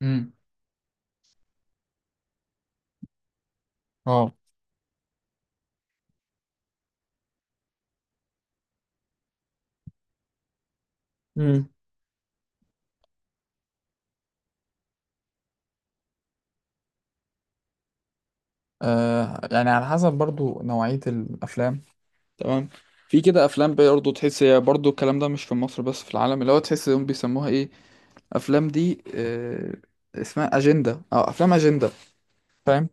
امم. اه. امم. يعني على حسب برضو نوعية الأفلام. تمام. في كده أفلام برضو تحس هي برضو الكلام ده مش في مصر بس في العالم، اللي هو تحس هم بيسموها إيه؟ أفلام دي، اسمها أجندة أو أفلام أجندة. فاهم؟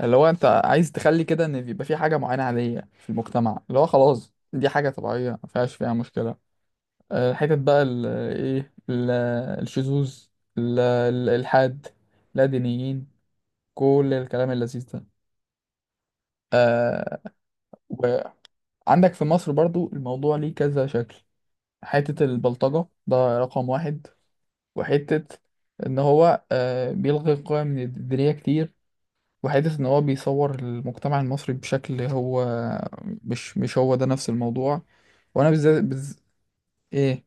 اللي هو أنت عايز تخلي كده إن بيبقى في حاجة معينة عادية في المجتمع، اللي هو خلاص دي حاجة طبيعية ما فيهاش فيها مشكلة. حتت بقى إيه ال- الشذوذ، الإلحاد، لا دينيين، كل الكلام اللذيذ ده. آه، وعندك في مصر برضو الموضوع ليه كذا شكل. حتة البلطجة ده رقم واحد، وحتة إن هو بيلغي قيم دينية كتير، وحتة إن هو بيصور المجتمع المصري بشكل هو مش هو ده نفس الموضوع. وأنا بالذات إيه؟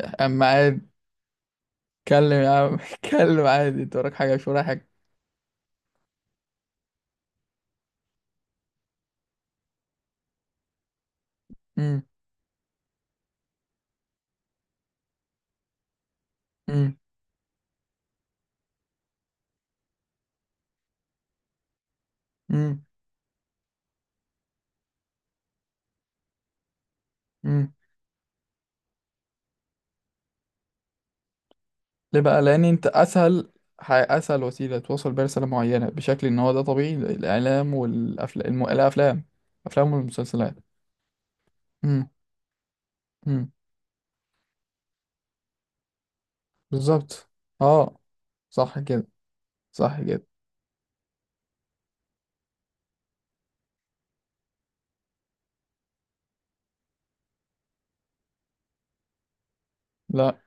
أما قاعد اتكلم يا عم اتكلم عادي، أنت وراك حاجة مش ورايا حاجة. أمم. أمم. أمم. امم. ليه بقى؟ لان انت اسهل وسيله توصل بيها رساله معينه بشكل ان هو ده طبيعي، الاعلام والافلام، افلام والمسلسلات. امم. امم. بالظبط. اه. صح كده. صح كده. لا،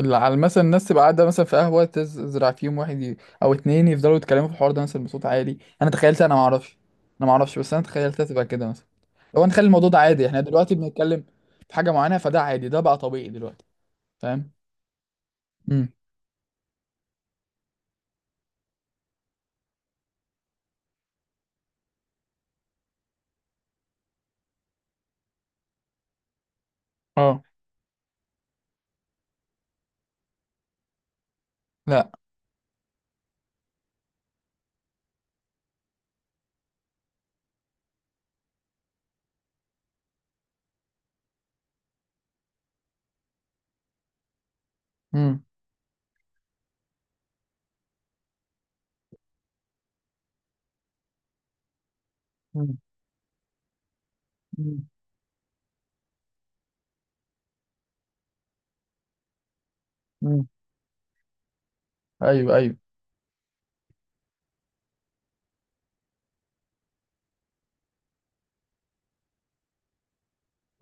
اللي على مثلا الناس تبقى قاعده مثلا في قهوه، تزرع فيهم واحد او اتنين يفضلوا يتكلموا في الحوار ده مثلا بصوت عالي، انا تخيلتها، انا ما اعرفش، بس انا تخيلتها تبقى كده مثلا. لو نخلي الموضوع ده عادي احنا دلوقتي بنتكلم في حاجه معينه، فده عادي، ده بقى طبيعي دلوقتي، فاهم؟ امم. اه. لا. إمم. مم. مم. مم. ايوه، ايوه،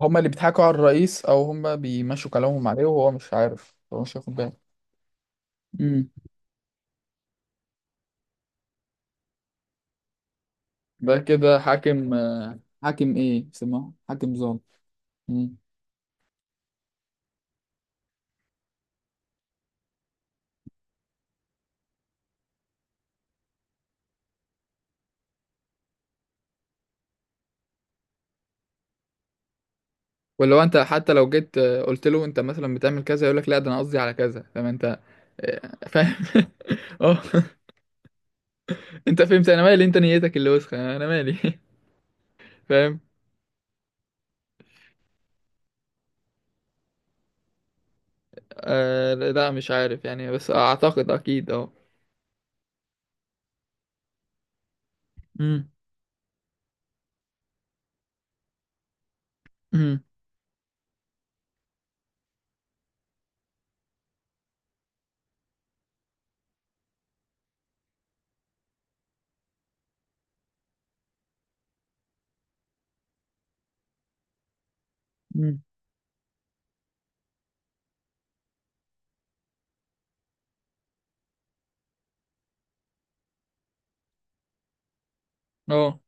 هما اللي بيضحكوا على الرئيس او هما بيمشوا كلامهم عليه وهو مش عارف، هو مش واخد باله. مم. ده كده حاكم، حاكم ايه اسمه، حاكم ظالم. مم. ولو انت حتى لو جيت قلت له انت مثلا بتعمل كذا، يقول لك لا ده انا قصدي على كذا، فاهم انت؟ آه، فاهم. اه. انت فهمت، انا مالي، انت نيتك اللي وسخه، انا مالي. فاهم. آه، لا مش عارف يعني، بس اعتقد اكيد. اه. مم. مم. مم. اه.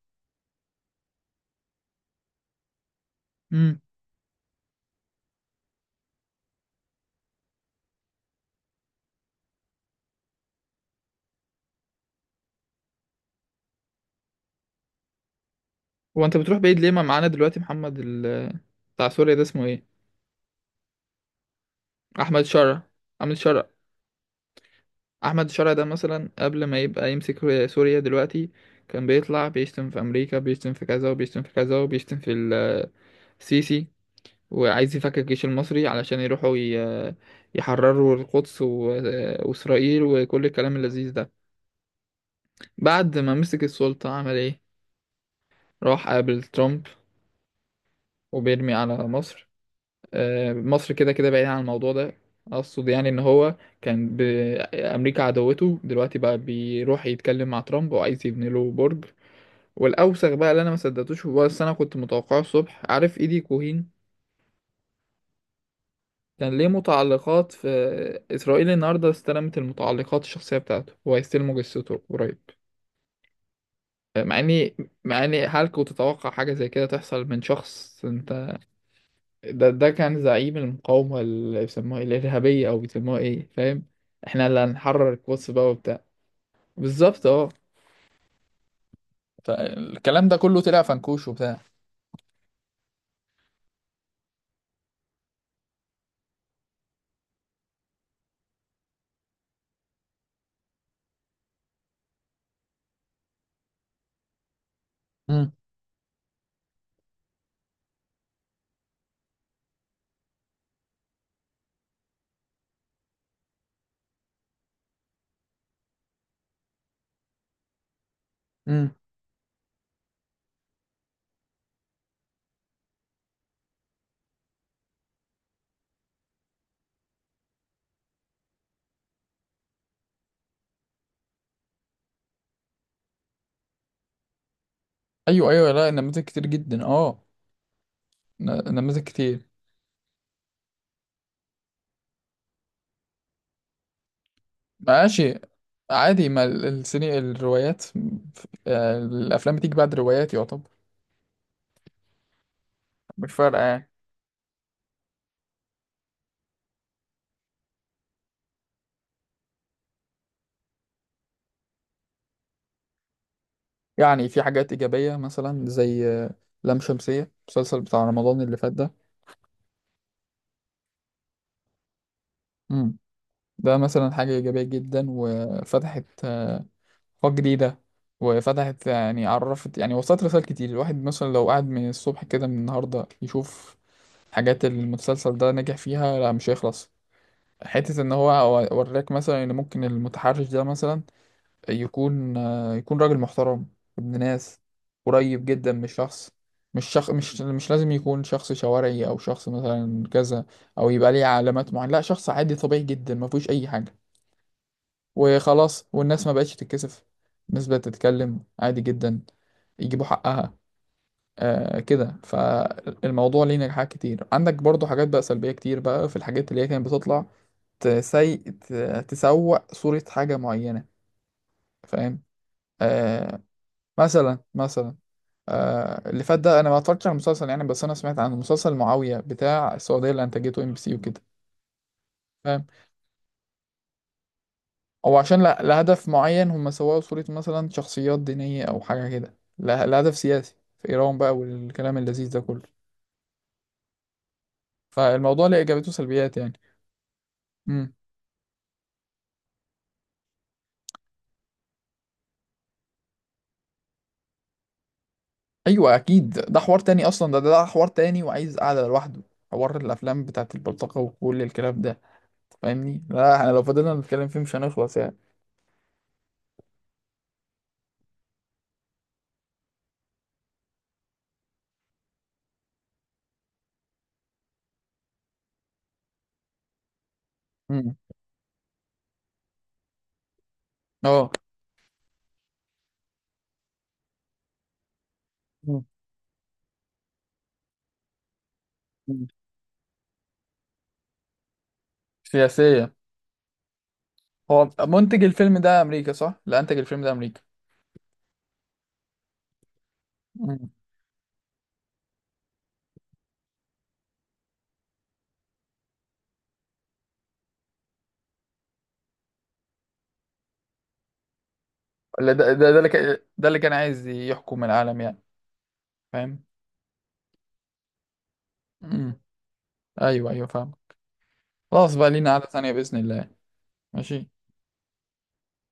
هو انت بتروح بعيد ليه؟ ما معانا دلوقتي محمد بتاع سوريا، ده اسمه ايه؟ احمد شرع. احمد شرع احمد شرع ده مثلا قبل ما يبقى يمسك سوريا دلوقتي كان بيطلع بيشتم في امريكا، بيشتم في كذا، وبيشتم في كذا، وبيشتم في السيسي، وعايز يفكك الجيش المصري علشان يروحوا يحرروا القدس واسرائيل وكل الكلام اللذيذ ده. بعد ما مسك السلطة عمل ايه؟ راح قابل ترامب، وبيرمي على مصر. مصر كده كده بعيدة عن الموضوع ده، اقصد يعني ان هو كان امريكا عدوته، دلوقتي بقى بيروح يتكلم مع ترامب وعايز يبني له برج. والاوسخ بقى اللي انا ما صدقتوش، هو بس انا كنت متوقعه الصبح، عارف ايدي كوهين؟ كان ليه متعلقات في اسرائيل، النهارده استلمت المتعلقات الشخصيه بتاعته، هو هيستلموا جثته قريب. مع اني مع اني هل كنت تتوقع حاجه زي كده تحصل من شخص؟ انت، ده كان زعيم المقاومة، اللي بيسموها إيه؟ الإرهابية، أو بيسموها إيه، فاهم؟ إحنا اللي هنحرر القدس بقى وبتاع. بالظبط، أه. فالكلام ده كله طلع فنكوش وبتاع. امم. امم. أيوه، أيوه، لا، نماذج كتير جدا، أه، نماذج كتير. ماشي. عادي، ما ال- السيني الروايات، الأفلام بتيجي بعد روايات يعتبر. مش فارقة يعني. يعني في حاجات إيجابية مثلا زي لام شمسية المسلسل بتاع رمضان اللي فات. ده ده مثلا حاجة إيجابية جدا، وفتحت آفاق جديدة، وفتحت يعني، عرفت، يعني وصلت رسائل كتير. الواحد مثلا لو قعد من الصبح كده من النهاردة يشوف حاجات المسلسل ده نجح فيها، لا مش هيخلص. حتة إن هو وراك مثلا، إن ممكن المتحرش ده مثلا يكون راجل محترم، ابن ناس، قريب جدا من الشخص، مش شخ... مش مش لازم يكون شخص شوارعي أو شخص مثلا كذا، أو يبقى ليه علامات معينة، لا شخص عادي طبيعي جدا ما فيهوش أي حاجة، وخلاص، والناس ما بقتش تتكسف، الناس بقت تتكلم عادي جدا، يجيبوا حقها. آه كده، فالموضوع ليه نجاحات كتير. عندك برضو حاجات بقى سلبية كتير بقى في الحاجات اللي هي كانت بتطلع، تسي... ت- تسوق صورة حاجة معينة، فاهم؟ آه. مثلا، مثلا، اللي فات ده انا ما اتفرجتش على المسلسل يعني، بس انا سمعت عن مسلسل معاوية بتاع السعودية اللي انتجته MBC وكده، او عشان لا، لهدف معين هم سووا صورة مثلا شخصيات دينية او حاجة كده لهدف سياسي في ايران بقى والكلام اللذيذ ده كله. فالموضوع ليه ايجابيات وسلبيات يعني. امم. ايوه اكيد، ده حوار تاني اصلا، ده حوار تاني وعايز قعدة لوحده، حوار الافلام بتاعت البلطجة وكل الكلام ده، فاهمني؟ لا احنا لو فضلنا نتكلم فيه مش هنخلص يعني. امم. اه. مم. مم. سياسية. هو منتج الفيلم ده امريكا صح؟ اللي انتج الفيلم ده امريكا. مم. ولا ده اللي كان عايز يحكم العالم يعني، فاهم؟ امم. ايوه، ايوه، فاهم. خلاص بقى، لينا قعدة تانية بإذن الله. ماشي.